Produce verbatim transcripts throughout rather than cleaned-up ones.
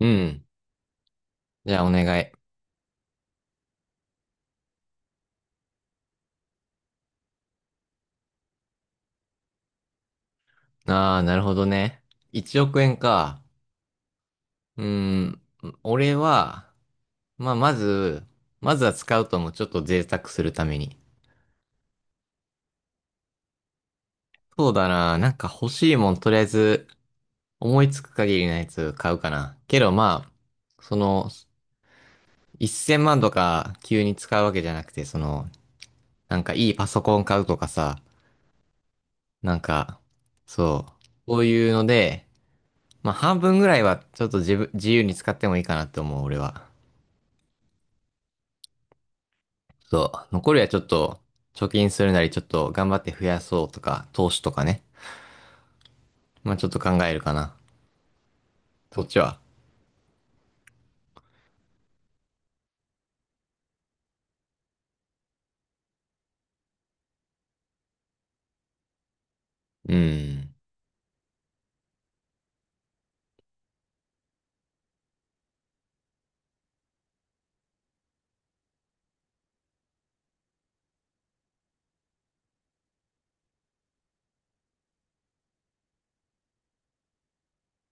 うん。じゃあお願い。ああ、なるほどね。いちおく円か。うーん。俺は、まあ、まず、まずは使うともちょっと贅沢するために。そうだな。なんか欲しいもん、とりあえず、思いつく限りのやつ買うかな。けどまあ、その、せんまんとか急に使うわけじゃなくて、その、なんかいいパソコン買うとかさ、なんか、そう。こういうので、まあ半分ぐらいはちょっと自分、自由に使ってもいいかなって思う、俺は。ちょっと、残りはちょっと、貯金するなり、ちょっと頑張って増やそうとか、投資とかね。まあちょっと考えるかな。そっちは。うん。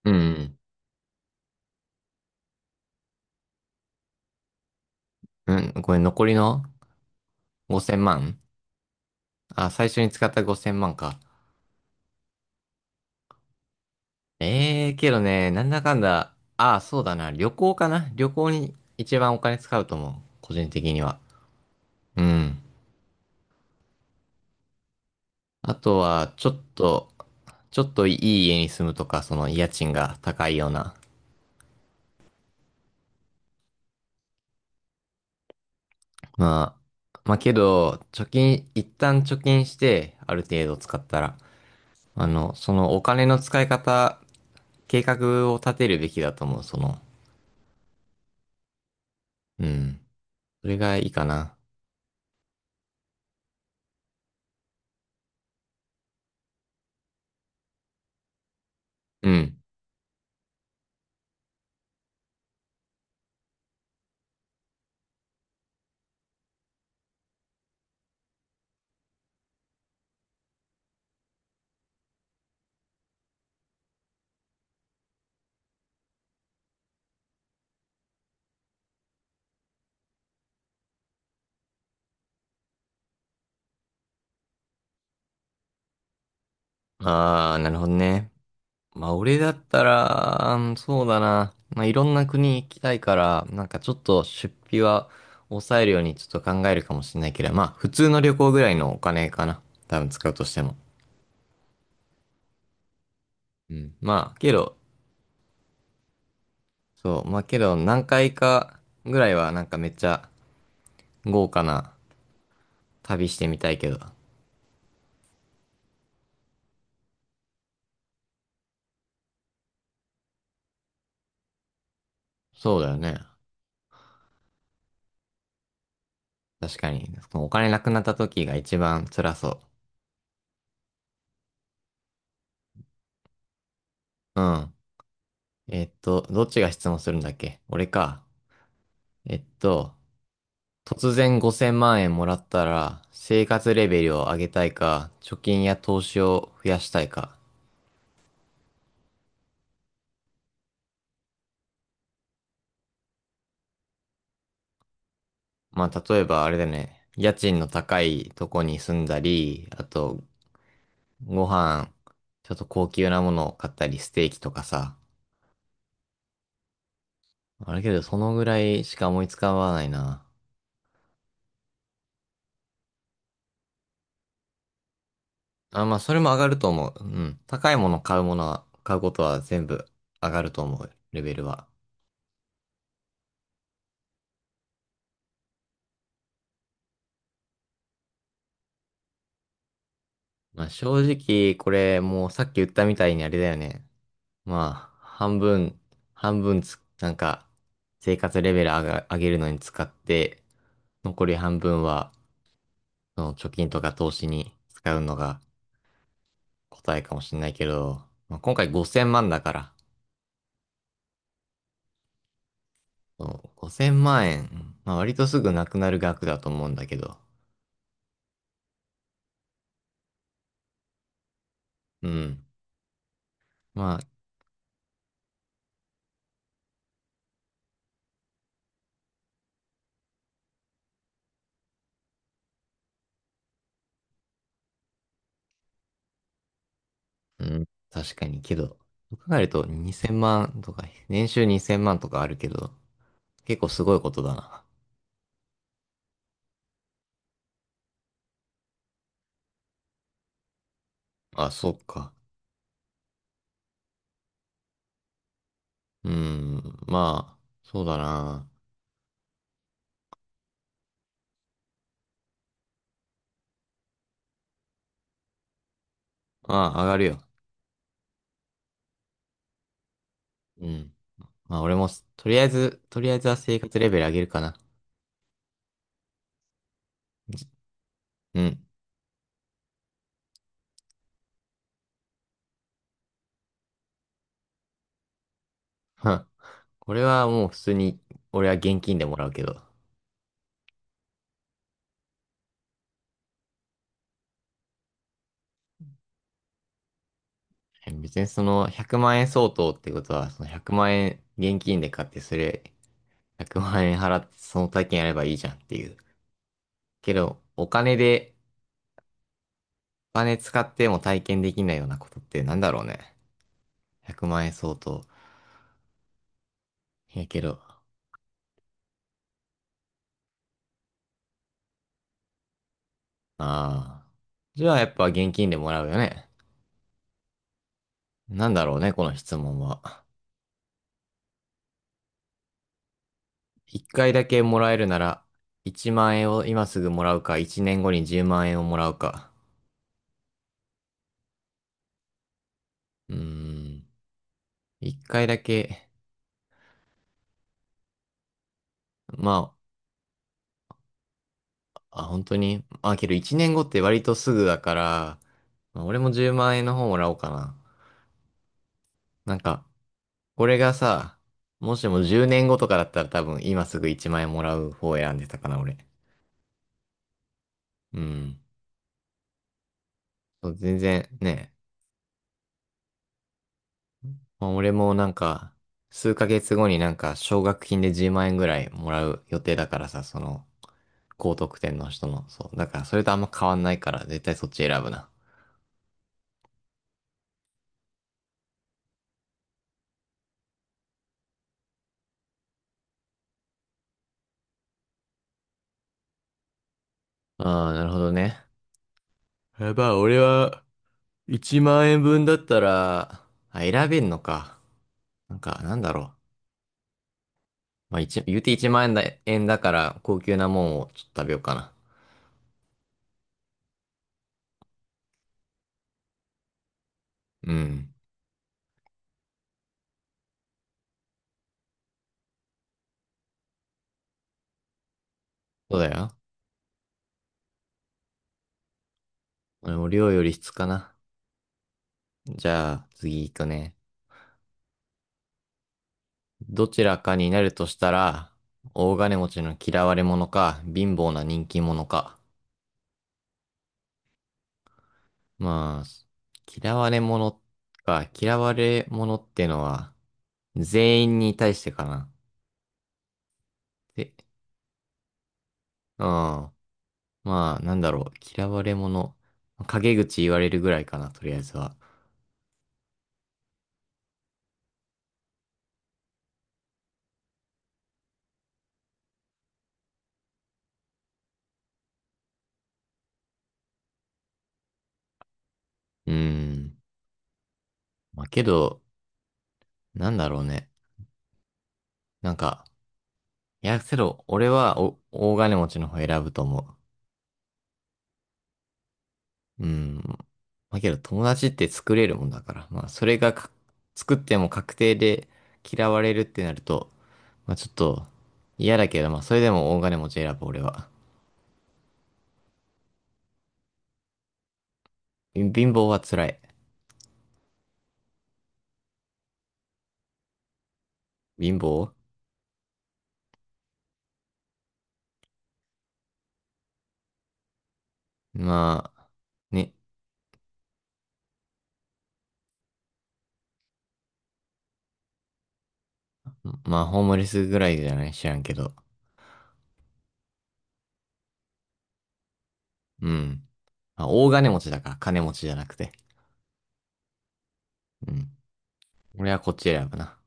うん。うん。これ残りのごせんまん。あ、最初に使ったごせんまんか。ええけどね、なんだかんだ、ああ、そうだな。旅行かな。旅行に一番お金使うと思う。個人的には。うん。あとは、ちょっと、ちょっといい家に住むとか、その家賃が高いような。まあ、まあけど、貯金、一旦貯金して、ある程度使ったら、あの、そのお金の使い方、計画を立てるべきだと思う、その。うん。それがいいかな。うん。ああ、なるほどね。まあ、俺だったら、うんそうだな。まあ、いろんな国行きたいから、なんかちょっと出費は抑えるようにちょっと考えるかもしれないけど、まあ、普通の旅行ぐらいのお金かな。多分使うとしても。うん。まあ、けど、そう。まあけど、何回かぐらいはなんかめっちゃ豪華な旅してみたいけど。そうだよね。確かに。お金なくなった時が一番辛そう。うん。えっと、どっちが質問するんだっけ俺か。えっと、突然ごせんまん円もらったら、生活レベルを上げたいか、貯金や投資を増やしたいか。まあ、例えばあれだよね。家賃の高いとこに住んだり、あとご飯、ちょっと高級なものを買ったり、ステーキとかさ。あれけど、そのぐらいしか思いつかわないな。あ、まあ、それも上がると思う。うん。高いもの買うものは、買うことは全部上がると思う、レベルは。まあ、正直、これ、もうさっき言ったみたいにあれだよね。まあ、半分、半分つ、なんか、生活レベル上が、上げるのに使って、残り半分は、その貯金とか投資に使うのが、答えかもしれないけど、まあ、今回ごせんまんだから、そうごせんまん円、まあ、割とすぐなくなる額だと思うんだけど、うん。まあ、うん、確かにけど、そう考えるとにせんまんとか、年収にせんまんとかあるけど、結構すごいことだな。あ、そっか。うん、まあ、そうだな。まあ、上がるよ。うん。まあ、俺も、とりあえず、とりあえずは生活レベル上げるかな。うん。はんこれはもう普通に、俺は現金でもらうけど。別にそのひゃくまん円相当ってことは、そのひゃくまん円現金で買ってそれひゃくまん円払ってその体験やればいいじゃんっていう。けど、お金で、お金使っても体験できないようなことってなんだろうね。ひゃくまん円相当。いやけど、ああ。じゃあやっぱ現金でもらうよね。なんだろうね、この質問は。いっかいだけもらえるなら、いちまん円を今すぐもらうか、いちねんごにじゅうまん円をもらうか。うーん。いっかいだけ、まあ、あ、本当にまあ、けどいちねんごって割とすぐだから、まあ俺もじゅうまん円の方もらおうかな。なんか、これがさ、もしもじゅうねんごとかだったら多分今すぐいちまん円もらう方を選んでたかな、俺。うん。そう全然ね、まあ、俺もなんか、数ヶ月後になんか奨学金でじゅうまん円ぐらいもらう予定だからさ、その、高得点の人の、そう。だからそれとあんま変わんないから、絶対そっち選ぶな。ああ、なるほどね。やばい、俺は、いちまん円分だったら、あ、選べんのか。なんか、なんだろう。まあ、一、言うていちまん円だ、円だから、高級なもんをちょっと食べようかな。うん。そうだよ。俺も量より質かな。じゃあ、次行くね。どちらかになるとしたら、大金持ちの嫌われ者か、貧乏な人気者か。まあ、嫌われ者か、嫌われ者ってのは、全員に対してかな。で、うん。まあ、なんだろう。嫌われ者。陰口言われるぐらいかな、とりあえずは。うーん。まあ、けど、なんだろうね。なんか、いや、けど、俺はお、大金持ちの方選ぶと思う。うーん。まあ、けど、友達って作れるもんだから。まあ、それがか作っても確定で嫌われるってなると、まあ、ちょっと、嫌だけど、まあ、それでも大金持ち選ぶ、俺は。貧貧乏は辛い。貧乏まあ、ね。まあ、ホームレスぐらいじゃない知らんけど。うん。あ、大金持ちだから金持ちじゃなくて。うん。俺はこっち選ぶな。